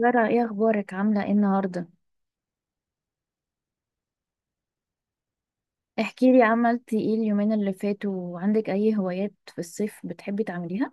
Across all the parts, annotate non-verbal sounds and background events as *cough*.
سارة، ايه اخبارك؟ عاملة ايه النهاردة؟ احكي لي عملتي ايه اليومين اللي فاتوا، وعندك اي هوايات في الصيف بتحبي تعمليها؟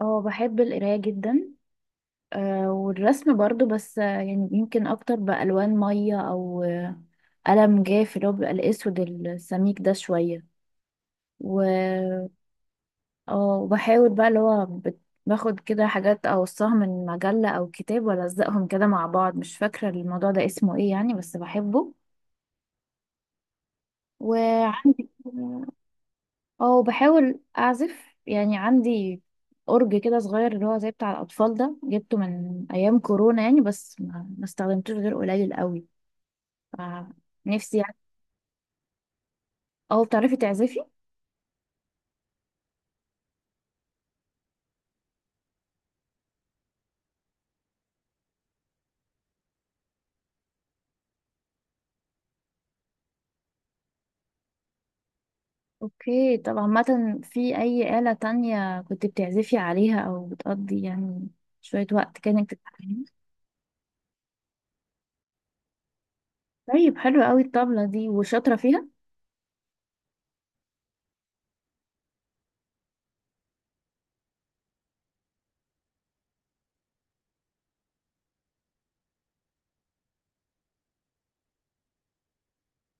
اه بحب القراية جدا. آه والرسم برضو، بس يعني يمكن اكتر بألوان مية او قلم جاف اللي هو بيبقى الاسود السميك ده شوية. و اه وبحاول بقى اللي هو باخد كده حاجات اوصاها من مجلة او كتاب والزقهم كده مع بعض، مش فاكرة الموضوع ده اسمه ايه يعني، بس بحبه. وعندي، اه بحاول اعزف، يعني عندي اورج كده صغير اللي هو زي بتاع الاطفال ده، جبته من ايام كورونا يعني، بس ما استخدمتوش غير قليل قوي. ف- نفسي يعني. اه بتعرفي تعزفي؟ اوكي، طب عامه، في اي آلة تانية كنت بتعزفي عليها او بتقضي يعني شوية وقت كده انك تتعلمي؟ طيب حلو قوي، الطبلة دي وشاطرة فيها.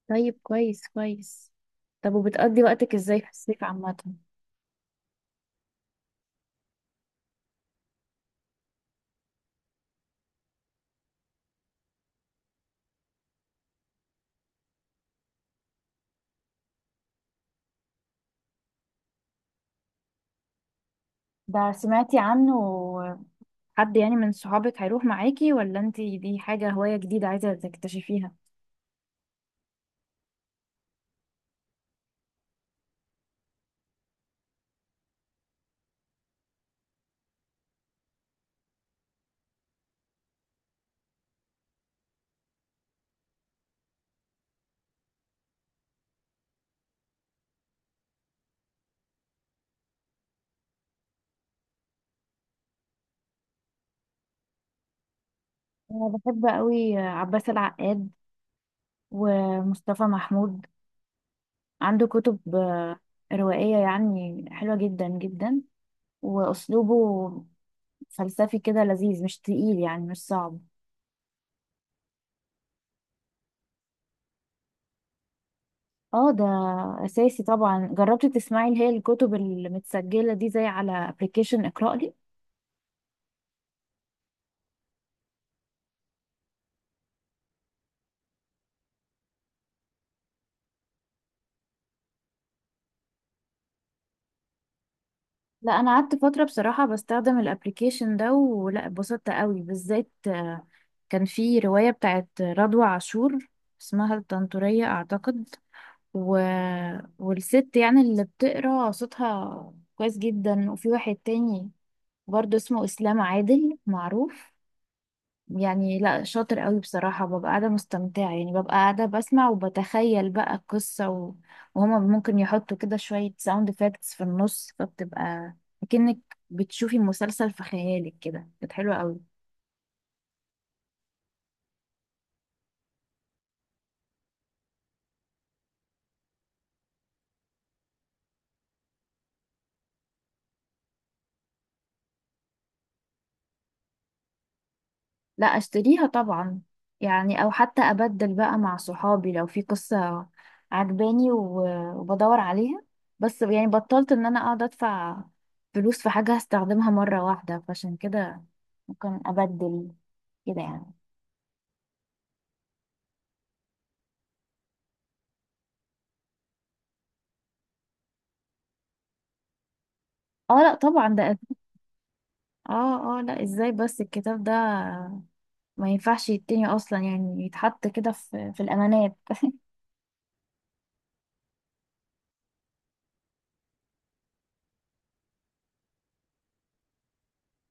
طيب كويس كويس. طب وبتقضي وقتك ازاي في الصيف عامة؟ ده سمعتي عنه؟ حد يعني من صحابك هيروح معاكي، ولا انتي دي حاجة هواية جديدة عايزة تكتشفيها؟ انا بحب قوي عباس العقاد ومصطفى محمود، عنده كتب روائية يعني حلوة جدا جدا. واسلوبه فلسفي كده لذيذ، مش تقيل يعني، مش صعب. اه ده اساسي طبعا. جربتي تسمعي اللي هي الكتب المتسجلة دي، زي على ابلكيشن اقرأ لي؟ لا انا قعدت فتره بصراحه بستخدم الابليكيشن ده، ولا اتبسطت قوي. بالذات كان في روايه بتاعت رضوى عاشور، اسمها الطنطوريه اعتقد، و... والست يعني اللي بتقرا صوتها كويس جدا. وفي واحد تاني برضه اسمه اسلام عادل، معروف يعني، لا شاطر قوي بصراحة. ببقى قاعدة مستمتعة يعني، ببقى قاعدة بسمع وبتخيل بقى القصة، وهما ممكن يحطوا كده شوية ساوند افكتس في النص، فبتبقى كأنك بتشوفي مسلسل في خيالك كده. كانت حلوة قوي. لا اشتريها طبعا، يعني او حتى ابدل بقى مع صحابي لو في قصة عجباني وبدور عليها. بس يعني بطلت ان انا اقعد ادفع فلوس في حاجة هستخدمها مرة واحدة، فعشان كده ممكن ابدل كده يعني. اه لا طبعا ده اه اه لا، ازاي بس؟ الكتاب ده ما ينفعش يتني اصلا، يعني يتحط كده في الامانات. *laughs*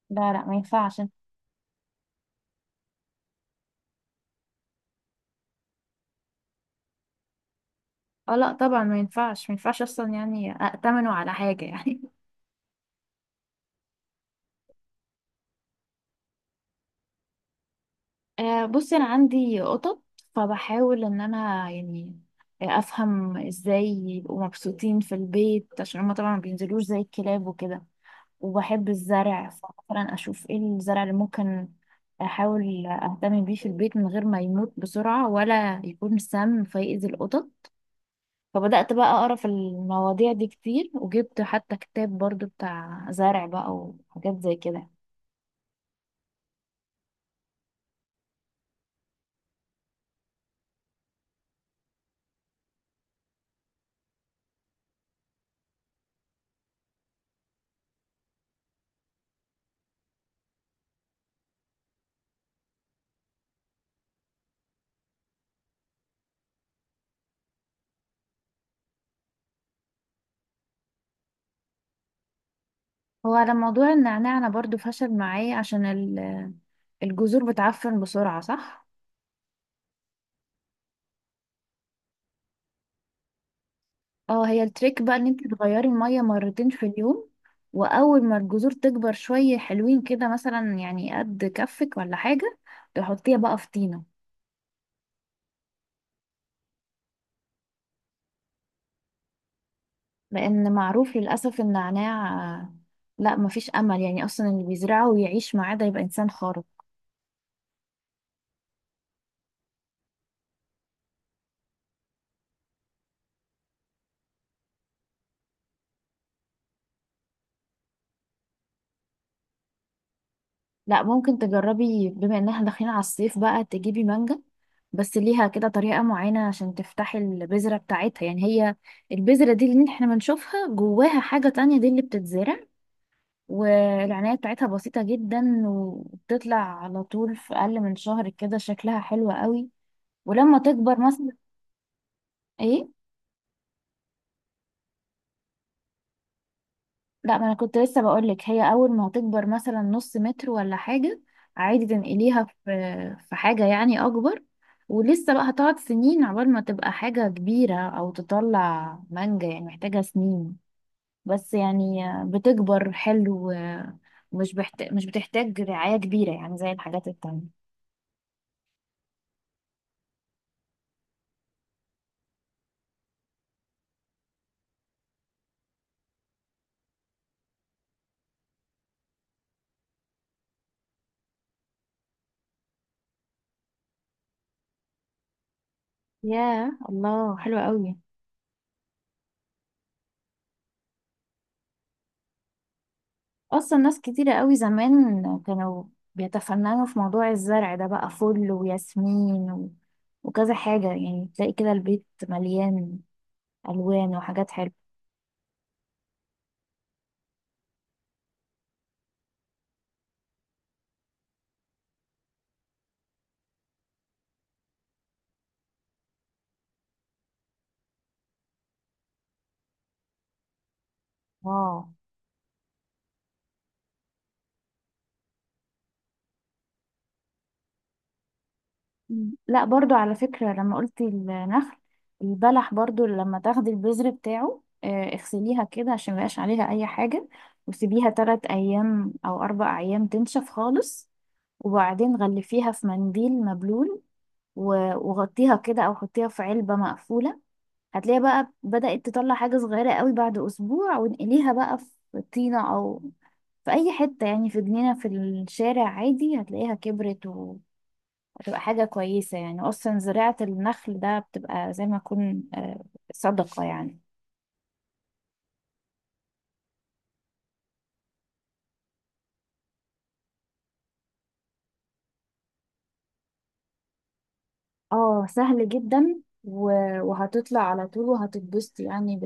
لا لا ما ينفعش. اه لا طبعا ما ينفعش، ما ينفعش اصلا يعني ائتمنه على حاجه يعني. *laughs* آه بصي، انا عندي قطط، فبحاول ان انا يعني افهم ازاي يبقوا مبسوطين في البيت، عشان هما طبعا ما بينزلوش زي الكلاب وكده. وبحب الزرع، فمثلا اشوف ايه الزرع اللي ممكن احاول اهتم بيه في البيت من غير ما يموت بسرعة، ولا يكون سام فيأذي القطط. فبدأت بقى أقرأ في المواضيع دي كتير، وجبت حتى كتاب برضو بتاع زرع بقى وحاجات زي كده. هو على موضوع النعناع أنا برضو فشل معايا، عشان الجذور بتعفن بسرعة، صح؟ اه، هي التريك بقى ان انت تغيري المية مرتين في اليوم، واول ما الجذور تكبر شوية حلوين كده مثلا، يعني قد كفك ولا حاجة، تحطيها بقى في طينة. لان معروف للأسف النعناع آه، لا مفيش امل يعني، اصلا اللي بيزرعه ويعيش معاه ده يبقى انسان خارق. لا ممكن تجربي، بما ان احنا داخلين على الصيف بقى، تجيبي مانجا. بس ليها كده طريقة معينة عشان تفتحي البذرة بتاعتها، يعني هي البذرة دي اللي احنا بنشوفها جواها حاجة تانية، دي اللي بتتزرع. والعناية بتاعتها بسيطة جدا، وبتطلع على طول في أقل من شهر كده، شكلها حلو قوي. ولما تكبر مثلا، ايه؟ لا ما انا كنت لسه بقولك، هي اول ما هتكبر مثلا نص متر ولا حاجة، عادي تنقليها في في حاجة يعني اكبر. ولسه بقى هتقعد سنين عقبال ما تبقى حاجة كبيرة، او تطلع مانجا يعني محتاجة سنين. بس يعني بتكبر حلو، مش بتحتاج رعاية كبيرة يعني زي الحاجات التانية. ياه الله، حلوة قوي. اصلا ناس كتيرة قوي زمان كانوا بيتفننوا في موضوع الزرع ده بقى، فل وياسمين وكذا حاجة يعني، تلاقي كده البيت مليان الوان وحاجات حلوة. اه. مم. لا برضو على فكرة، لما قلت النخل، البلح برضو لما تاخدي البذر بتاعه اغسليها كده عشان ميبقاش عليها اي حاجة، وسيبيها 3 ايام او 4 ايام تنشف خالص، وبعدين غلفيها في منديل مبلول، و- وغطيها كده او حطيها في علبة مقفولة. هتلاقيها بقى بدأت تطلع حاجة صغيرة قوي بعد اسبوع، وانقليها بقى في طينة او في اي حتة يعني، في جنينة في الشارع عادي، هتلاقيها كبرت وهتبقى حاجة كويسة يعني. اصلا زراعة النخل ده بتبقى زي ما يكون صدقة يعني. اه سهل جدا، وهتطلع على طول وهتتبسط يعني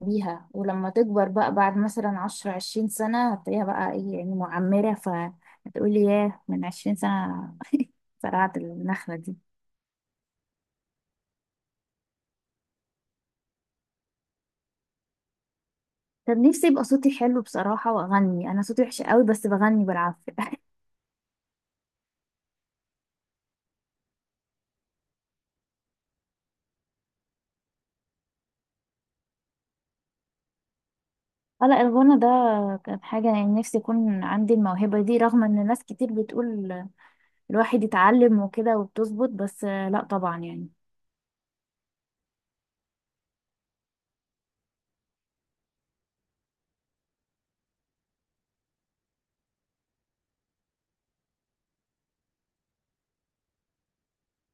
بيها. ولما تكبر بقى بعد مثلا عشرة 20 سنة، هتلاقيها بقى ايه يعني، معمرة، فهتقولي ياه، من 20 سنة زرعت النخلة دي. طب نفسي يبقى صوتي حلو بصراحة وأغني. أنا صوتي وحش قوي، بس بغني بالعافية. *laughs* آه لا، الغنى ده كانت حاجة يعني نفسي يكون عندي الموهبة دي، رغم إن ناس كتير بتقول الواحد يتعلم وكده وبتظبط، بس لا طبعا يعني.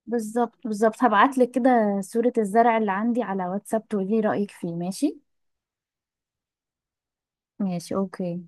بالظبط بالظبط. هبعتلك كده صورة الزرع اللي عندي على واتساب تقولي رأيك فيه، ماشي؟ ماشي أوكي.